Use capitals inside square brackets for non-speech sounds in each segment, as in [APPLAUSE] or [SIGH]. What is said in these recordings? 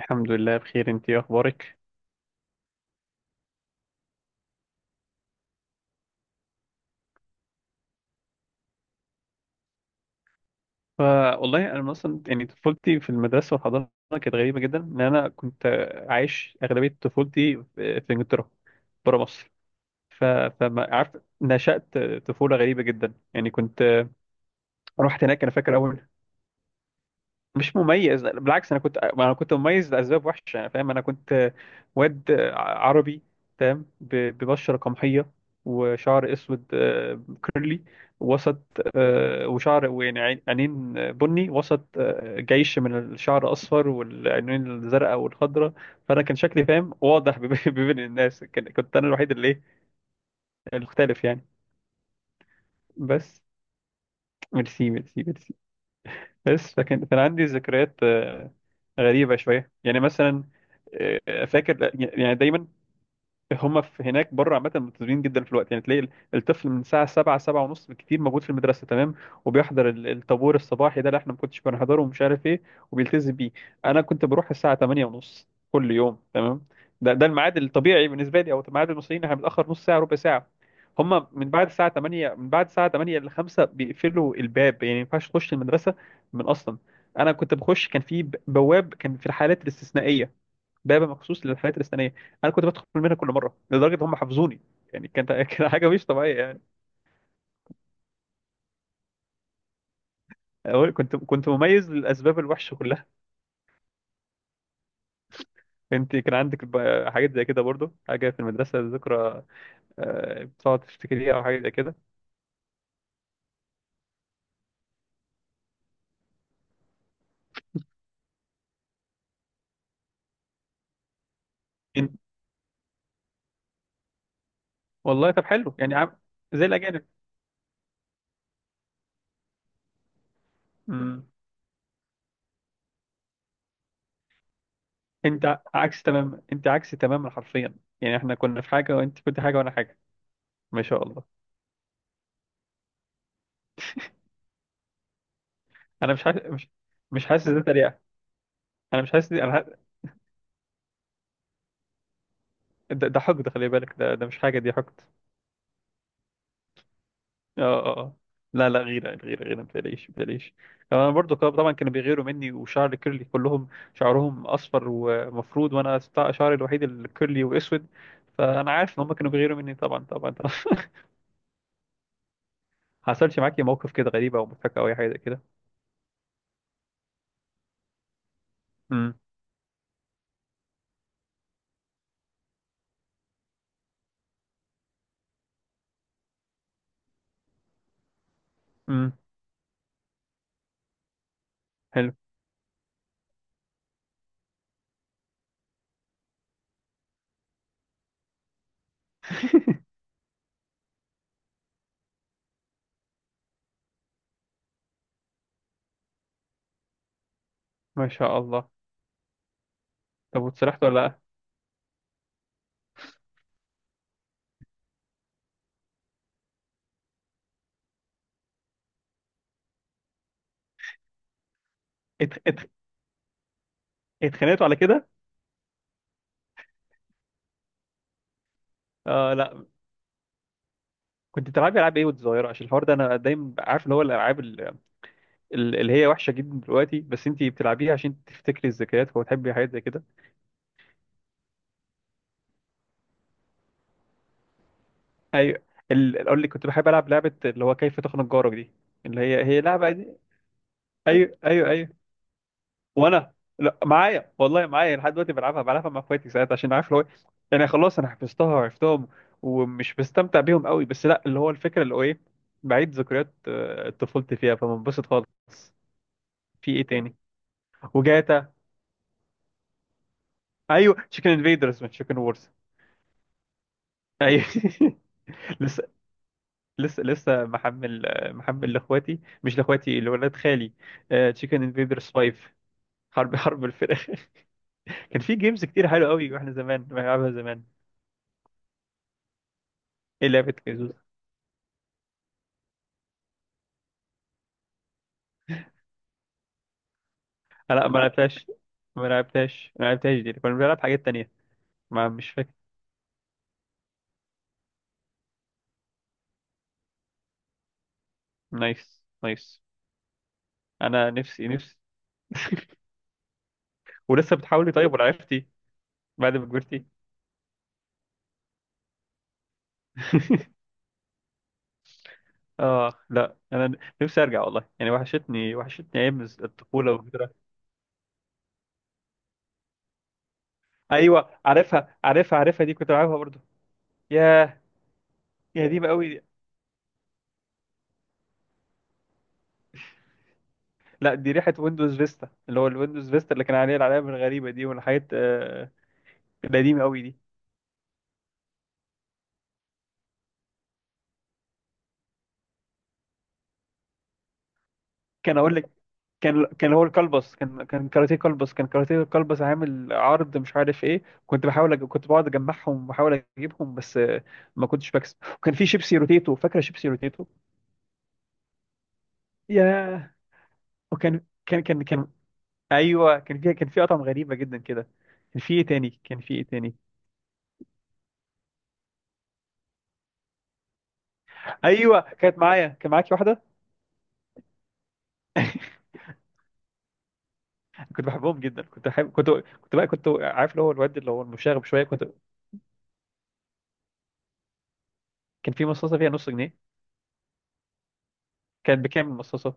الحمد لله بخير. انت ايه اخبارك؟ ف- والله انا مثلا يعني طفولتي في المدرسه والحضانه كانت غريبه جدا ان انا كنت عايش اغلبيه طفولتي في انجلترا، بره مصر. ف... فما عارف، نشأت طفوله غريبه جدا، يعني كنت رحت هناك. انا فاكر اول، مش مميز لا، بالعكس، انا كنت، ما انا كنت مميز لاسباب وحشه انا فاهم. انا كنت واد عربي، تمام، ببشره قمحيه وشعر اسود، كيرلي، وسط، وشعر، ويعني عينين بني، وسط جيش من الشعر اصفر والعينين الزرقاء والخضراء. فانا كان شكلي فاهم واضح [LAUGHS] بين الناس، كنت انا الوحيد اللي المختلف يعني. بس ميرسي ميرسي ميرسي. بس فكان كان عندي ذكريات غريبة شوية، يعني مثلا، فاكر يعني، دايما هم في هناك بره عامة ملتزمين جدا في الوقت، يعني تلاقي الطفل من الساعة سبعة، سبعة ونص بالكتير، موجود في المدرسة، تمام، وبيحضر الطابور الصباحي ده اللي احنا ما كنتش بنحضره ومش عارف ايه، وبيلتزم بيه. أنا كنت بروح الساعة تمانية ونص كل يوم، تمام، ده الميعاد الطبيعي بالنسبة لي، أو ميعاد المصريين، احنا بنتأخر نص ساعة، ربع ساعة. هم من بعد الساعة 8، ل 5 بيقفلوا الباب، يعني ما ينفعش تخش المدرسة من أصلا. أنا كنت بخش، كان في بواب، كان في الحالات الاستثنائية باب مخصوص للحالات الاستثنائيه، انا كنت بدخل منها كل مره، لدرجه ان هم حافظوني. يعني كانت [LAUGHS] كانت حاجه مش طبيعيه يعني. كنت مميز للاسباب الوحشه كلها. انت كان عندك حاجات زي كده برضو، حاجه في المدرسه، ذكرى بتقعد تفتكريها او حاجه زي كده؟ انت، والله طب حلو يعني زي الاجانب. مم. انت عكس، تمام، انت عكس تماما، حرفيا، يعني احنا كنا في حاجه وانت كنت حاجه وانا حاجه. ما شاء الله. انا مش حاسس مش مش حاسس ده تريقه. انا مش حاسس دي، ده حقد، خلي بالك، ده ده مش حاجه، دي حقد. اه، اه، آه. لا لا، غيرة، غيرة، غيرة، متقلقيش متقلقيش. انا برضو طبعا كانوا بيغيروا مني، وشعر كيرلي، كلهم شعرهم اصفر ومفروض وانا شعري الوحيد الكيرلي واسود، فانا عارف ان هم كانوا بيغيروا مني، طبعا طبعا طبعا. [LAUGHS] حصلش معاكي موقف كده غريب او مضحك او اي حاجه كده؟ امم، امم، حلو. [LAUGHS] ما شاء الله. طب واتسرحتوا ولا لا؟ اتخ... اتخ... اتخانقتوا على كده؟ آه لا. كنت بتلعبي العاب ايه وانت صغيره؟ عشان الحوار ده انا دايما عارف اللي هو الالعاب اللي هي وحشه جدا دلوقتي، بس انت بتلعبيها عشان تفتكري الذكريات وتحبي حاجات زي كده. ايوه، اقول لك، كنت بحب العب لعبه اللي هو كيف تخنق جارك دي، اللي هي هي لعبه دي. ايوه ايوه ايوه. وانا، لا، معايا، والله معايا لحد دلوقتي، بلعبها، بلعبها مع اخواتي ساعات عشان عارف اللي هو يعني خلاص انا حفظتها وعرفتهم ومش بستمتع بيهم قوي، بس لا، اللي هو الفكره اللي هو ايه، بعيد ذكريات طفولتي فيها، فبنبسط خالص. في ايه تاني؟ وجاتا. ايوه، تشيكن انفيدرز من تشيكن وورز. ايوه. [LAUGHS] لسه لسه محمل لاخواتي، مش لاخواتي، لولاد خالي. تشيكن انفيدرز 5، حرب الفراخ. [LAUGHS] كان في جيمز كتير حلوه قوي واحنا زمان بنلعبها زمان. ايه لعبه كيزوز؟ لا، ما لعبتهاش، دي كنا بنلعب حاجات تانية. ما مش فاكر. نايس نايس. انا نفسي، نفسي. [LAUGHS] ولسه بتحاولي طيب ولا عرفتي؟ بعد ما كبرتي. [LAUGHS] اه لا، انا نفسي ارجع والله، يعني وحشتني، وحشتني ايام الطفوله والذكريات. ايوه، عارفها عارفها عارفها، دي كنت بلعبها برضه. ياه. يا قديمة قوي دي. لا دي ريحة ويندوز فيستا، اللي هو الويندوز فيستا اللي كان عليه العلامة الغريبة دي والحاجات القديمة قوي دي. كان اقول لك، كان كان هو الكلبس، كان كان كاراتيه كلبس عامل عرض، مش عارف ايه، كنت كنت بقعد اجمعهم وبحاول اجيبهم، بس ما كنتش بكسب. [LAUGHS] وكان في شيبسي روتيتو، فاكرة شيبسي روتيتو؟ ياه. وكان كان. ايوه، كان في، كان في، اطعم غريبة جدا كده. كان في ايه تاني؟ ايوه. كانت معايا، كان معاكي واحدة. [LAUGHS] كنت بحبهم جدا، كنت بحب، كنت بقى كنت عارف اللي هو الواد اللي هو المشاغب شويه كنت. كان في مصاصه فيها نص جنيه، كان بكام المصاصه؟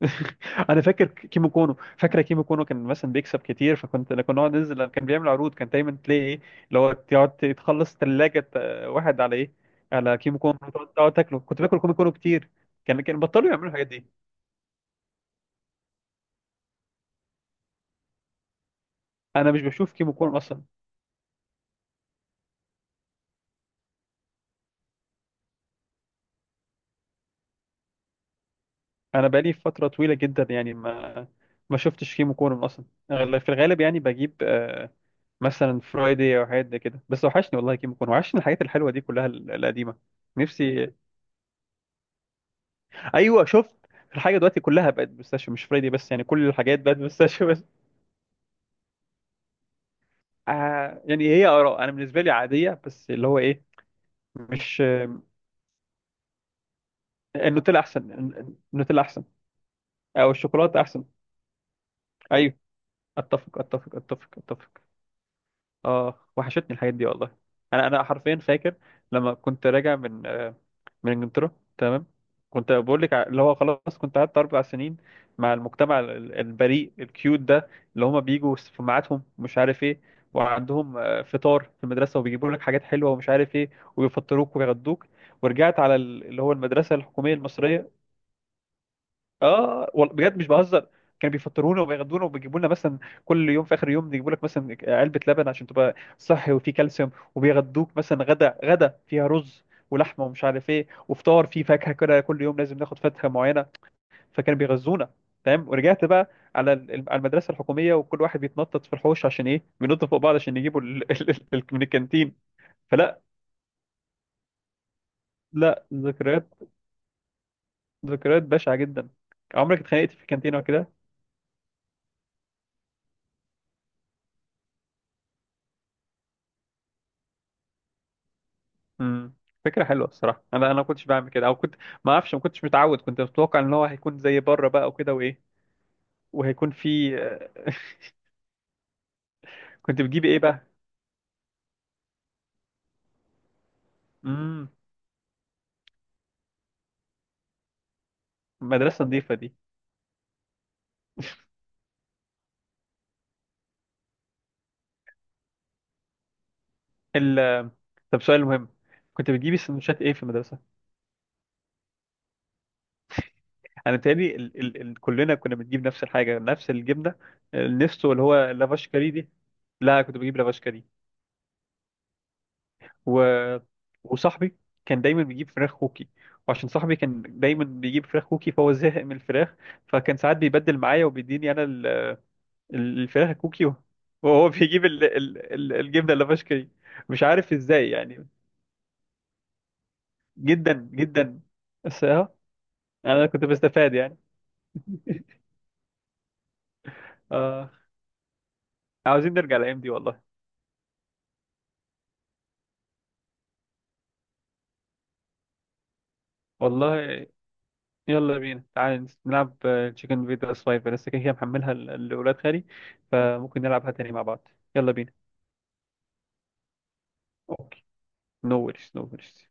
[LAUGHS] انا فاكر كيمو كونو، فاكره كيمو كونو؟ كان مثلا بيكسب كتير، فكنت، كنا نقعد ننزل لما كان بيعمل عروض، كان دايما تلاقي ايه، اللي هو تقعد تخلص ثلاجه واحد على ايه، على كيمو كونو، تقعد، تقعد تاكله. كنت باكل كيمو كونو كتير. كان، كان بطلوا يعملوا الحاجات دي. انا مش بشوف كيمو كونو اصلا، انا بقالي فتره طويله جدا يعني ما شفتش كيمو كونو اصلا. في الغالب يعني بجيب مثلا فرايدي او حاجات زي كده بس. وحشني والله كيمو كون، وحشني الحاجات الحلوه دي كلها، القديمه. نفسي. ايوه شفت، الحاجه دلوقتي كلها بقت بيستاشيو، مش فرايدي بس، يعني كل الحاجات بقت بيستاشيو بس. [LAUGHS] آه، يعني هي اراء، انا بالنسبه لي عاديه، بس اللي هو ايه، مش النوتيلا احسن؟ النوتيلا احسن، او الشوكولاته احسن. ايوه، اتفق، اتفق، اتفق، اتفق. اه، وحشتني الحاجات دي والله. انا حرفيا فاكر، لما كنت راجع من من انجلترا، تمام، كنت بقول لك اللي هو خلاص كنت قعدت اربع سنين مع المجتمع البريء الكيوت ده، اللي هما بيجوا في ميعادهم، مش عارف ايه، وعندهم فطار في المدرسه وبيجيبوا لك حاجات حلوه ومش عارف ايه، ويفطروك ويغدوك. ورجعت على اللي هو المدرسه الحكوميه المصريه. اه والله بجد مش بهزر، كانوا بيفطرونا وبيغدونا وبيجيبوا لنا مثلا، كل يوم في اخر يوم يجيبوا لك مثلا علبه لبن عشان تبقى صحي وفيه كالسيوم، وبيغدوك مثلا غدا فيها رز ولحمه ومش عارف ايه، وفطار فيه فاكهه كده كل يوم، لازم ناخد فاكهه معينه، فكانوا بيغذونا، تمام. ورجعت بقى على على المدرسه الحكوميه، وكل واحد بيتنطط في الحوش عشان ايه، بينط فوق بعض، عشان يجيبوا [LAUGHS] من الكانتين. فلا، لا، ذكريات، ذكريات بشعه جدا. عمرك اتخانقت في الكانتين او كده؟ امم. فكرة حلوة الصراحة، انا ما كنتش بعمل كده، او كنت، ما اعرفش، ما كنتش متعود، كنت متوقع ان هو هيكون زي بره بقى وكده وايه، وهيكون في كنت بتجيبي ايه بقى؟ امم. مدرسة نظيفة دي. ال... طب سؤال مهم، كنت بتجيبي سندوتشات ايه في المدرسة؟ انا بيتهيألي كلنا كنا بنجيب نفس الحاجة، نفس الجبنة النستو اللي هو لافاش كاري دي. لا، كنت بجيب لافاش كاري، و... وصاحبي كان دايما بيجيب فراخ كوكي، وعشان صاحبي كان دايما بيجيب فراخ كوكي فهو زهق من الفراخ، فكان ساعات بيبدل معايا وبيديني انا الفراخ الكوكي، وهو بيجيب الجبنه اللافش دي. مش عارف ازاي يعني. جدا جدا. بس اه، انا كنت بستفاد يعني. آه، عاوزين نرجع الايام دي والله. والله يلا بينا، تعالى نلعب. تشيكن فيتا سلايفر لسه كده كده محملها لاولاد خالي، فممكن نلعبها تاني مع بعض. يلا بينا. No worries, no worries.